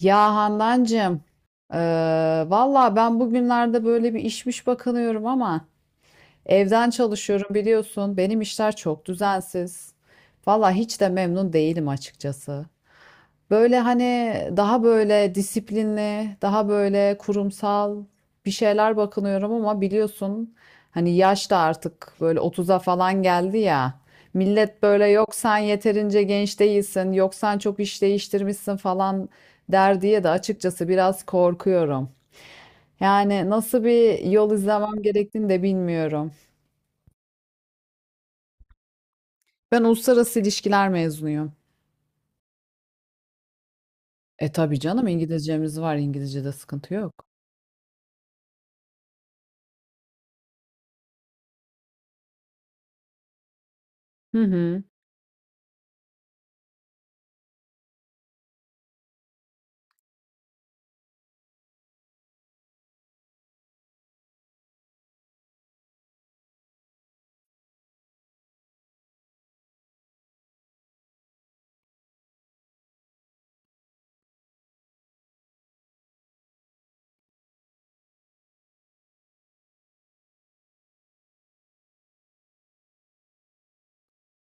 Ya Handancığım, valla ben bugünlerde böyle bir işmiş bakınıyorum ama evden çalışıyorum biliyorsun. Benim işler çok düzensiz. Valla hiç de memnun değilim açıkçası. Böyle hani daha böyle disiplinli, daha böyle kurumsal bir şeyler bakınıyorum ama biliyorsun hani yaş da artık böyle 30'a falan geldi ya. Millet böyle yok sen yeterince genç değilsin, yok sen çok iş değiştirmişsin falan der diye de açıkçası biraz korkuyorum. Yani nasıl bir yol izlemem gerektiğini de bilmiyorum. Ben uluslararası ilişkiler mezunuyum. E tabii canım İngilizcemiz var. İngilizce'de sıkıntı yok. Hı hı.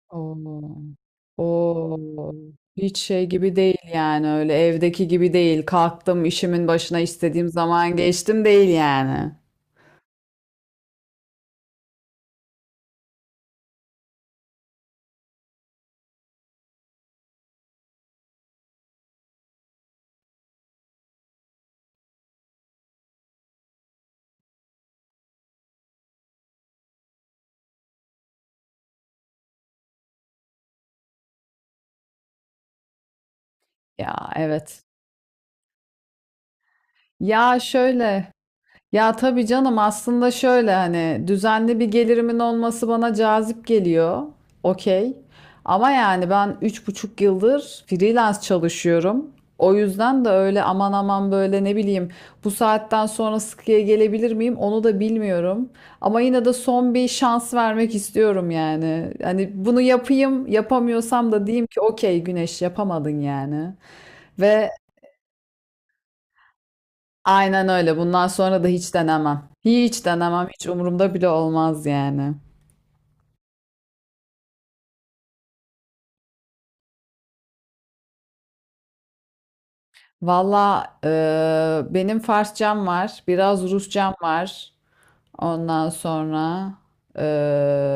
Oo. Oo. Hiç şey gibi değil yani öyle evdeki gibi değil. Kalktım işimin başına istediğim zaman geçtim değil yani. Ya evet. Ya şöyle. Ya tabii canım aslında şöyle hani düzenli bir gelirimin olması bana cazip geliyor. Okey. Ama yani ben 3,5 yıldır freelance çalışıyorum. O yüzden de öyle aman aman böyle ne bileyim bu saatten sonra sıkıya gelebilir miyim onu da bilmiyorum. Ama yine de son bir şans vermek istiyorum yani. Hani bunu yapayım yapamıyorsam da diyeyim ki okey Güneş yapamadın yani. Ve Aynen öyle. Bundan sonra da hiç denemem. Hiç denemem. Hiç umurumda bile olmaz yani. Valla benim Farsçam var. Biraz Rusçam var. Ondan sonra e,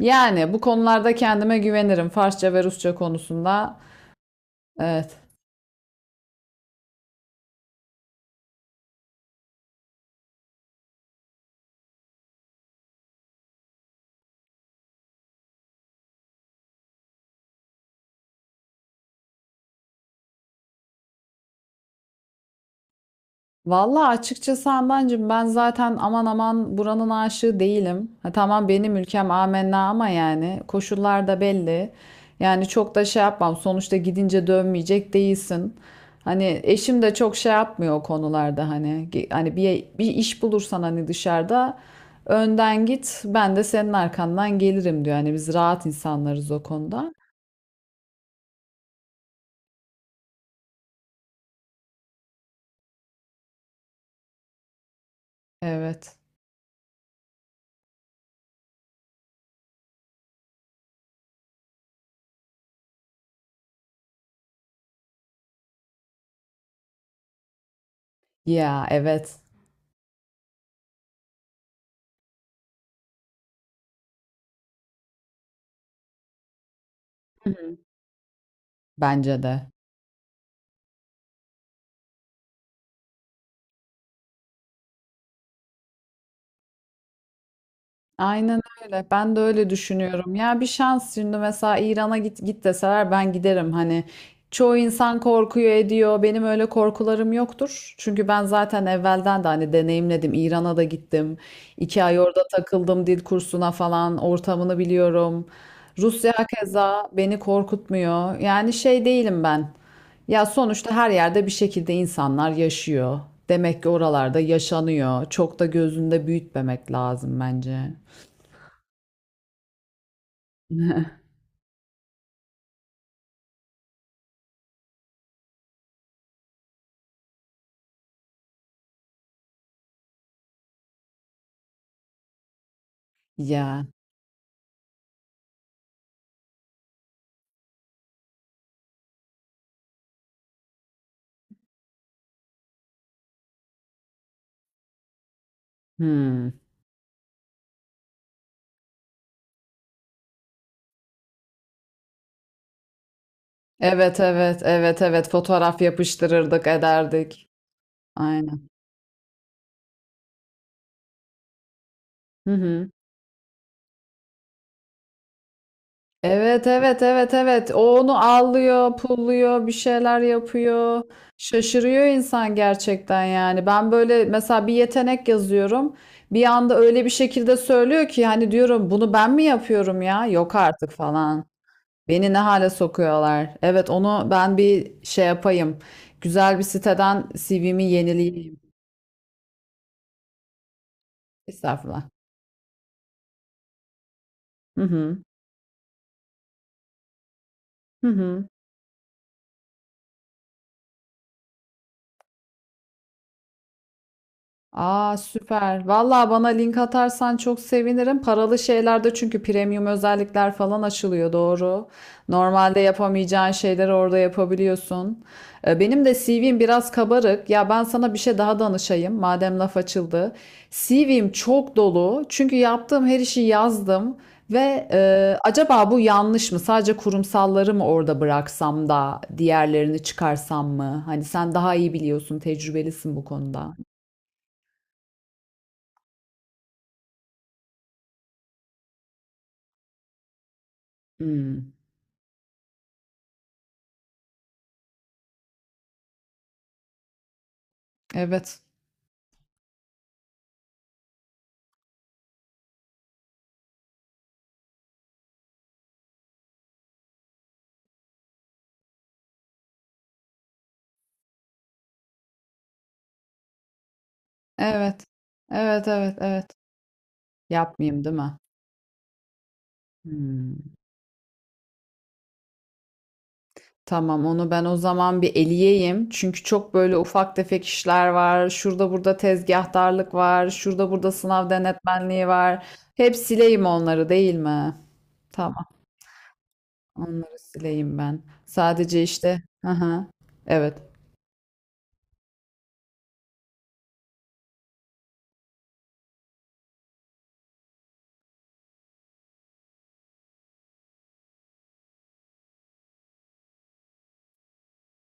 yani bu konularda kendime güvenirim. Farsça ve Rusça konusunda. Evet. Vallahi açıkçası Handancığım ben zaten aman aman buranın aşığı değilim. Ha, tamam benim ülkem amenna ama yani koşullar da belli. Yani çok da şey yapmam. Sonuçta gidince dönmeyecek değilsin. Hani eşim de çok şey yapmıyor o konularda hani hani bir iş bulursan hani dışarıda önden git ben de senin arkandan gelirim diyor. Hani biz rahat insanlarız o konuda. Evet. Ya evet, bence de. Aynen öyle. Ben de öyle düşünüyorum. Ya bir şans şimdi mesela İran'a git git deseler ben giderim. Hani çoğu insan korkuyor ediyor. Benim öyle korkularım yoktur. Çünkü ben zaten evvelden de hani deneyimledim. İran'a da gittim. 2 ay orada takıldım dil kursuna falan. Ortamını biliyorum. Rusya keza beni korkutmuyor. Yani şey değilim ben. Ya sonuçta her yerde bir şekilde insanlar yaşıyor. Demek ki oralarda yaşanıyor. Çok da gözünde büyütmemek lazım bence. Ya. Hımm. Evet, evet, evet, evet. Fotoğraf yapıştırırdık, ederdik. Aynen. Hı hı. Evet, evet, evet, evet. O onu allıyor, pulluyor, bir şeyler yapıyor. Şaşırıyor insan gerçekten yani. Ben böyle mesela bir yetenek yazıyorum. Bir anda öyle bir şekilde söylüyor ki hani diyorum bunu ben mi yapıyorum ya? Yok artık falan. Beni ne hale sokuyorlar. Evet, onu ben bir şey yapayım. Güzel bir siteden CV'mi yenileyeyim. Estağfurullah. Hı hı. Hı hı. Aa süper. Vallahi bana link atarsan çok sevinirim. Paralı şeylerde çünkü premium özellikler falan açılıyor doğru. Normalde yapamayacağın şeyleri orada yapabiliyorsun. Benim de CV'm biraz kabarık. Ya ben sana bir şey daha danışayım madem laf açıldı. CV'm çok dolu. Çünkü yaptığım her işi yazdım. Ve acaba bu yanlış mı? Sadece kurumsalları mı orada bıraksam da diğerlerini çıkarsam mı? Hani sen daha iyi biliyorsun, tecrübelisin bu konuda. Hmm. Evet. Evet. Evet, evet, evet. Yapmayayım, değil mi? Hmm. Tamam, onu ben o zaman bir eleyeyim. Çünkü çok böyle ufak tefek işler var. Şurada burada tezgahtarlık var. Şurada burada sınav denetmenliği var. Hep sileyim onları, değil mi? Tamam, onları sileyim ben. Sadece işte, aha. Evet.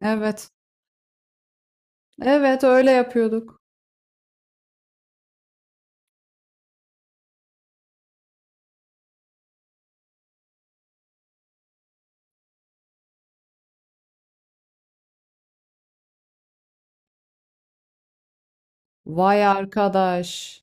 Evet. Evet, öyle yapıyorduk. Vay arkadaş.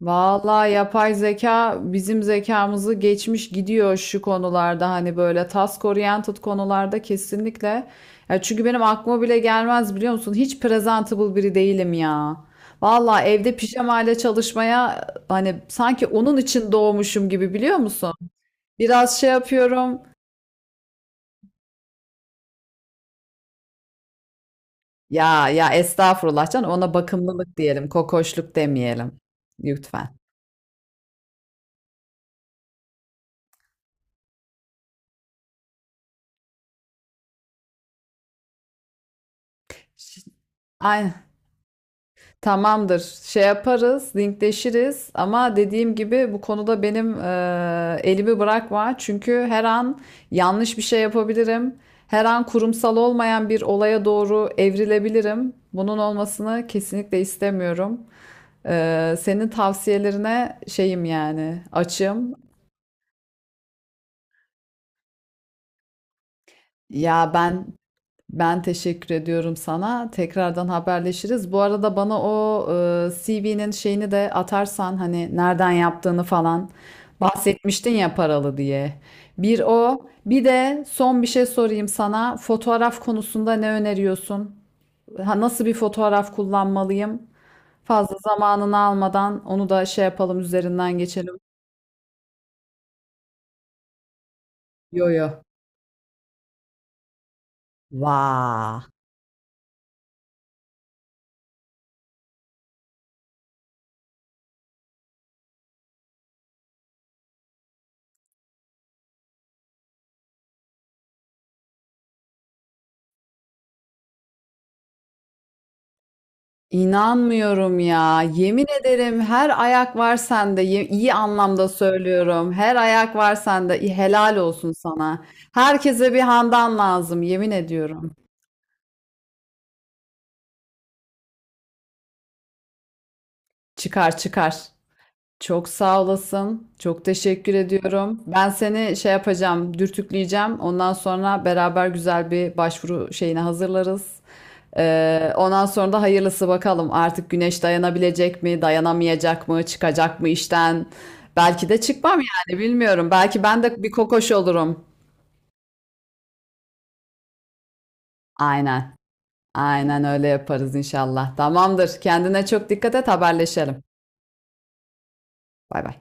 Vallahi yapay zeka bizim zekamızı geçmiş gidiyor şu konularda hani böyle task oriented konularda kesinlikle. Ya çünkü benim aklıma bile gelmez biliyor musun? Hiç presentable biri değilim ya. Vallahi evde pijamayla çalışmaya hani sanki onun için doğmuşum gibi biliyor musun? Biraz şey yapıyorum. Ya ya estağfurullah canım, ona bakımlılık diyelim, kokoşluk demeyelim lütfen. Ş- Aynen. Tamamdır. Şey yaparız, linkleşiriz ama dediğim gibi bu konuda benim elimi bırakma. Çünkü her an yanlış bir şey yapabilirim. Her an kurumsal olmayan bir olaya doğru evrilebilirim. Bunun olmasını kesinlikle istemiyorum. Senin tavsiyelerine şeyim yani açım. Ya ben Ben teşekkür ediyorum sana. Tekrardan haberleşiriz. Bu arada bana o e, C CV'nin şeyini de atarsan hani nereden yaptığını falan bahsetmiştin ya paralı diye. Bir o, bir de son bir şey sorayım sana. Fotoğraf konusunda ne öneriyorsun? Ha, nasıl bir fotoğraf kullanmalıyım? Fazla zamanını almadan onu da şey yapalım üzerinden geçelim. Yo yo. Vaa. İnanmıyorum ya. Yemin ederim her ayak var sende. İyi anlamda söylüyorum. Her ayak var sende. İyi, helal olsun sana. Herkese bir Handan lazım. Yemin ediyorum. Çıkar çıkar. Çok sağ olasın. Çok teşekkür ediyorum. Ben seni şey yapacağım, dürtükleyeceğim. Ondan sonra beraber güzel bir başvuru şeyine hazırlarız. Ondan sonra da hayırlısı bakalım. Artık Güneş dayanabilecek mi, dayanamayacak mı, çıkacak mı işten? Belki de çıkmam yani bilmiyorum. Belki ben de bir kokoş olurum. Aynen. Aynen öyle yaparız inşallah. Tamamdır. Kendine çok dikkat et, haberleşelim. Bay bay.